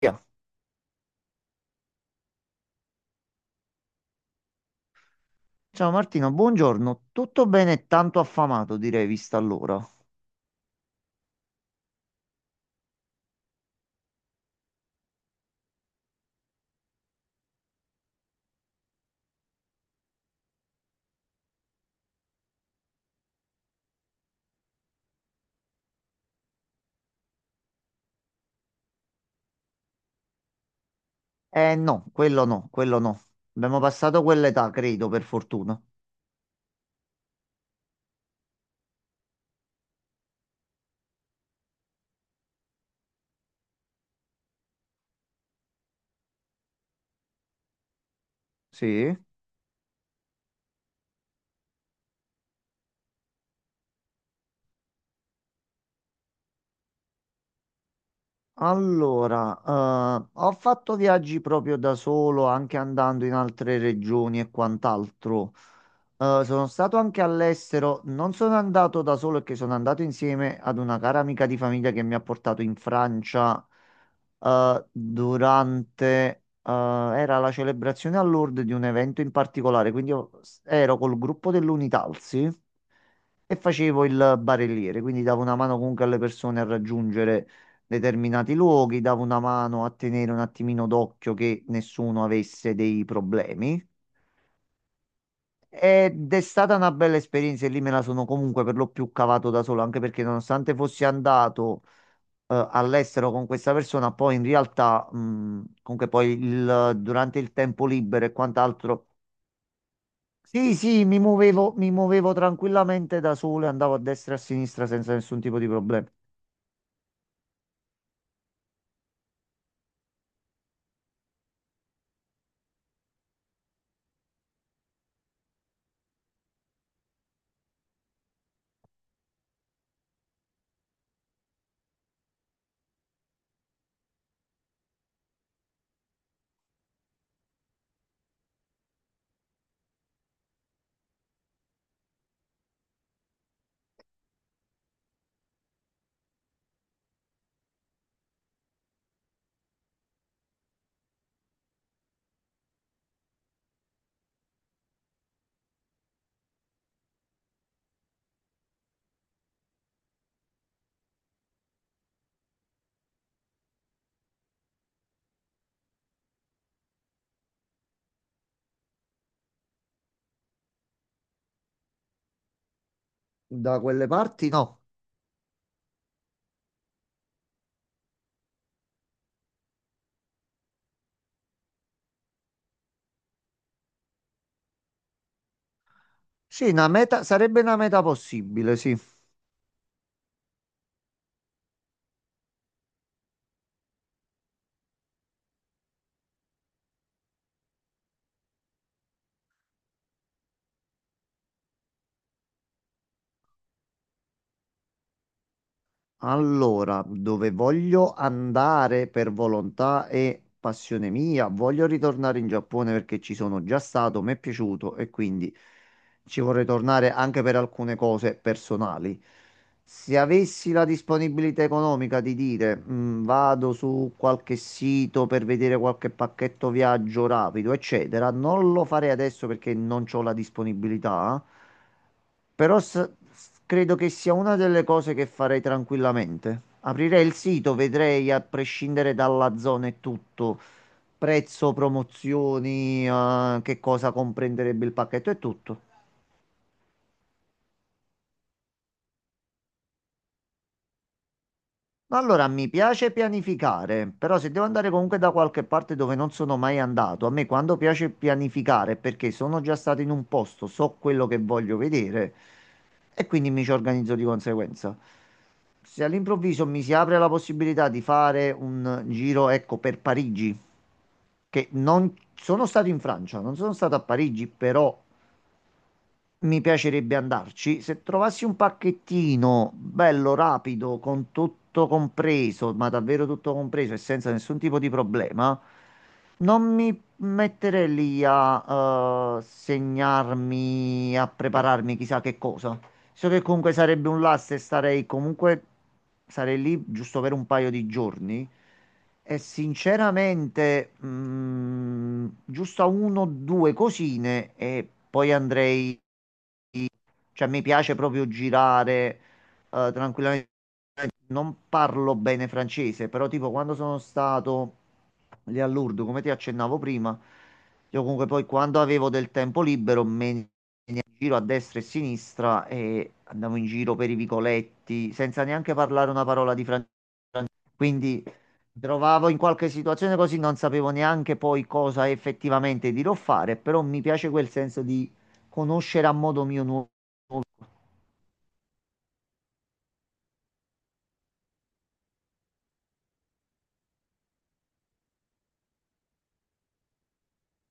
Via. Ciao Martino, buongiorno. Tutto bene e tanto affamato, direi, vista l'ora. Eh no, quello no, quello no. Abbiamo passato quell'età, credo, per fortuna. Sì? Allora, ho fatto viaggi proprio da solo, anche andando in altre regioni e quant'altro. Sono stato anche all'estero, non sono andato da solo, perché sono andato insieme ad una cara amica di famiglia che mi ha portato in Francia, eh, durante, era la celebrazione a Lourdes di un evento in particolare, quindi io ero col gruppo dell'Unitalsi e facevo il barelliere, quindi davo una mano comunque alle persone a raggiungere determinati luoghi, davo una mano a tenere un attimino d'occhio che nessuno avesse dei problemi. Ed è stata una bella esperienza e lì me la sono comunque per lo più cavato da solo, anche perché nonostante fossi andato all'estero con questa persona, poi in realtà, comunque poi durante il tempo libero e quant'altro, sì, sì, mi muovevo tranquillamente da solo e andavo a destra e a sinistra senza nessun tipo di problema. Da quelle parti no. Sì, una meta, sarebbe una meta possibile, sì. Allora, dove voglio andare per volontà e passione mia, voglio ritornare in Giappone perché ci sono già stato, mi è piaciuto e quindi ci vorrei tornare anche per alcune cose personali. Se avessi la disponibilità economica di dire, vado su qualche sito per vedere qualche pacchetto viaggio rapido, eccetera", non lo farei adesso perché non ho la disponibilità. Però credo che sia una delle cose che farei tranquillamente. Aprirei il sito, vedrei a prescindere dalla zona e tutto, prezzo, promozioni, che cosa comprenderebbe il pacchetto e tutto. Allora, mi piace pianificare, però se devo andare comunque da qualche parte dove non sono mai andato, a me quando piace pianificare è perché sono già stato in un posto, so quello che voglio vedere e quindi mi ci organizzo di conseguenza. Se all'improvviso mi si apre la possibilità di fare un giro, ecco, per Parigi, che non sono stato in Francia, non sono stato a Parigi, però mi piacerebbe andarci. Se trovassi un pacchettino bello, rapido, con tutto compreso, ma davvero tutto compreso e senza nessun tipo di problema, non mi metterei lì a segnarmi, a prepararmi chissà che cosa. So che comunque sarebbe un lasso e starei comunque, sarei lì giusto per un paio di giorni. E sinceramente, giusto a uno o due cosine e poi andrei, cioè, mi piace proprio girare tranquillamente. Non parlo bene francese, però tipo quando sono stato lì a Lourdes, come ti accennavo prima, io comunque poi quando avevo del tempo libero me ne andavo in giro a destra e a sinistra e andavo in giro per i vicoletti senza neanche parlare una parola di francese. Quindi mi trovavo in qualche situazione così, non sapevo neanche poi cosa effettivamente dirò fare, però mi piace quel senso di conoscere a modo mio nuovo.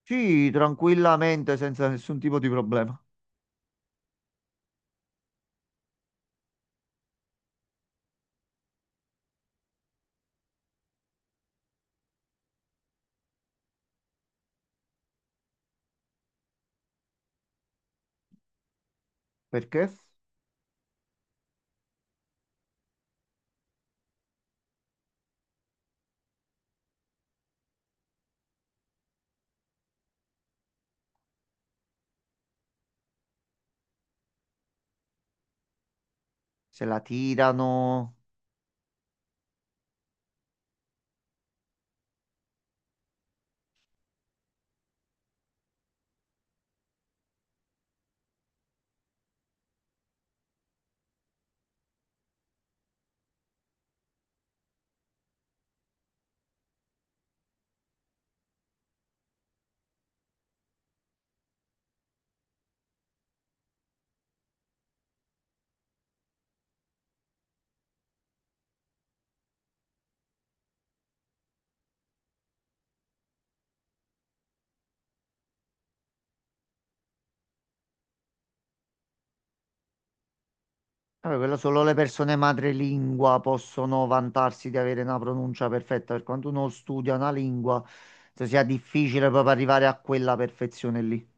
Sì, tranquillamente, senza nessun tipo di problema. Perché? Se la tirano... Vabbè, quello solo le persone madrelingua possono vantarsi di avere una pronuncia perfetta. Per quanto uno studia una lingua, se sia difficile proprio arrivare a quella perfezione lì.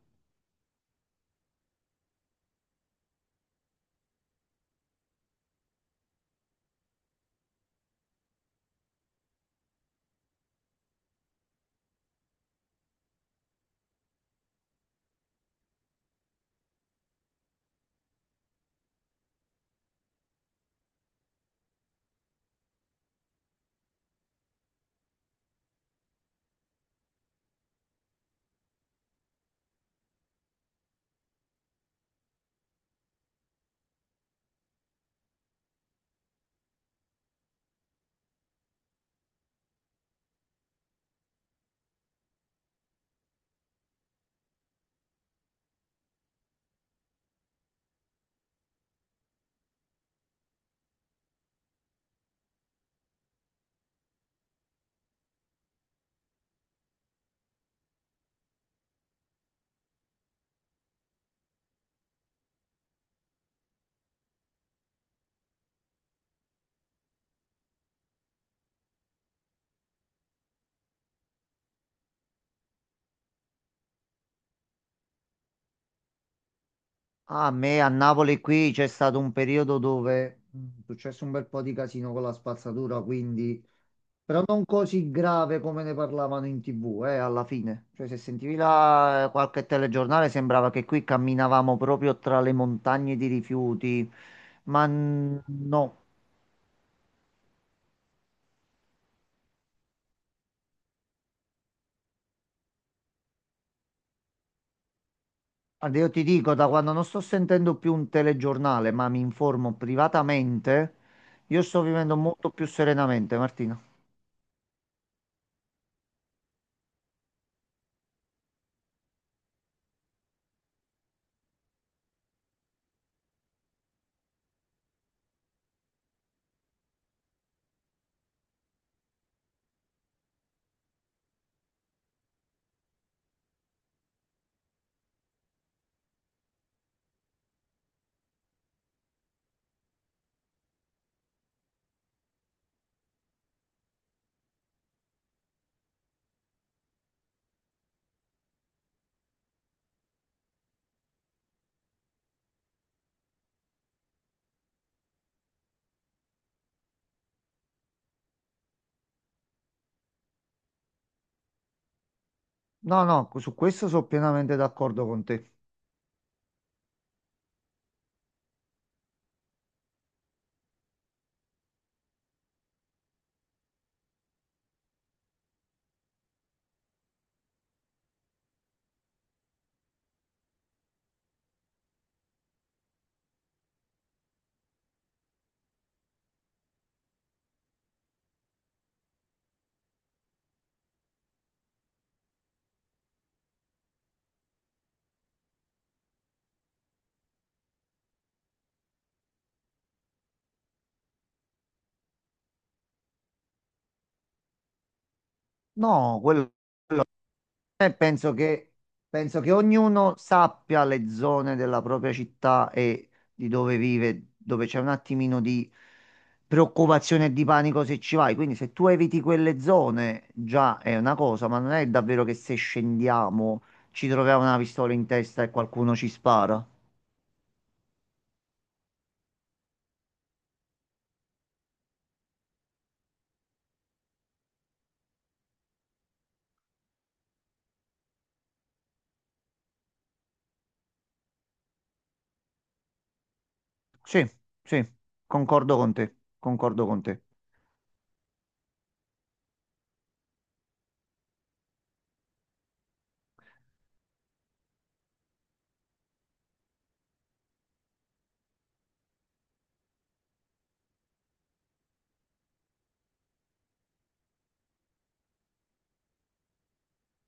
A me a Napoli qui c'è stato un periodo dove è successo un bel po' di casino con la spazzatura, quindi... Però non così grave come ne parlavano in TV, alla fine. Cioè, se sentivi la, qualche telegiornale sembrava che qui camminavamo proprio tra le montagne di rifiuti, ma no. Guarda, io ti dico, da quando non sto sentendo più un telegiornale, ma mi informo privatamente, io sto vivendo molto più serenamente, Martina. No, no, su questo sono pienamente d'accordo con te. No, quello eh, penso che ognuno sappia le zone della propria città e di dove vive, dove c'è un attimino di preoccupazione e di panico se ci vai. Quindi se tu eviti quelle zone già è una cosa, ma non è davvero che se scendiamo ci troviamo una pistola in testa e qualcuno ci spara. Sì, sì, concordo con te, concordo con te.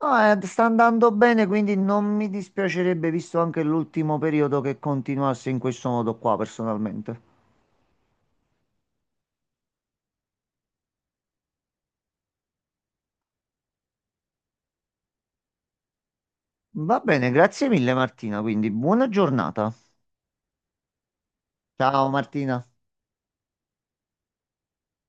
No, sta andando bene, quindi non mi dispiacerebbe, visto anche l'ultimo periodo, che continuasse in questo modo qua, personalmente. Va bene, grazie mille Martina, quindi buona giornata. Ciao Martina.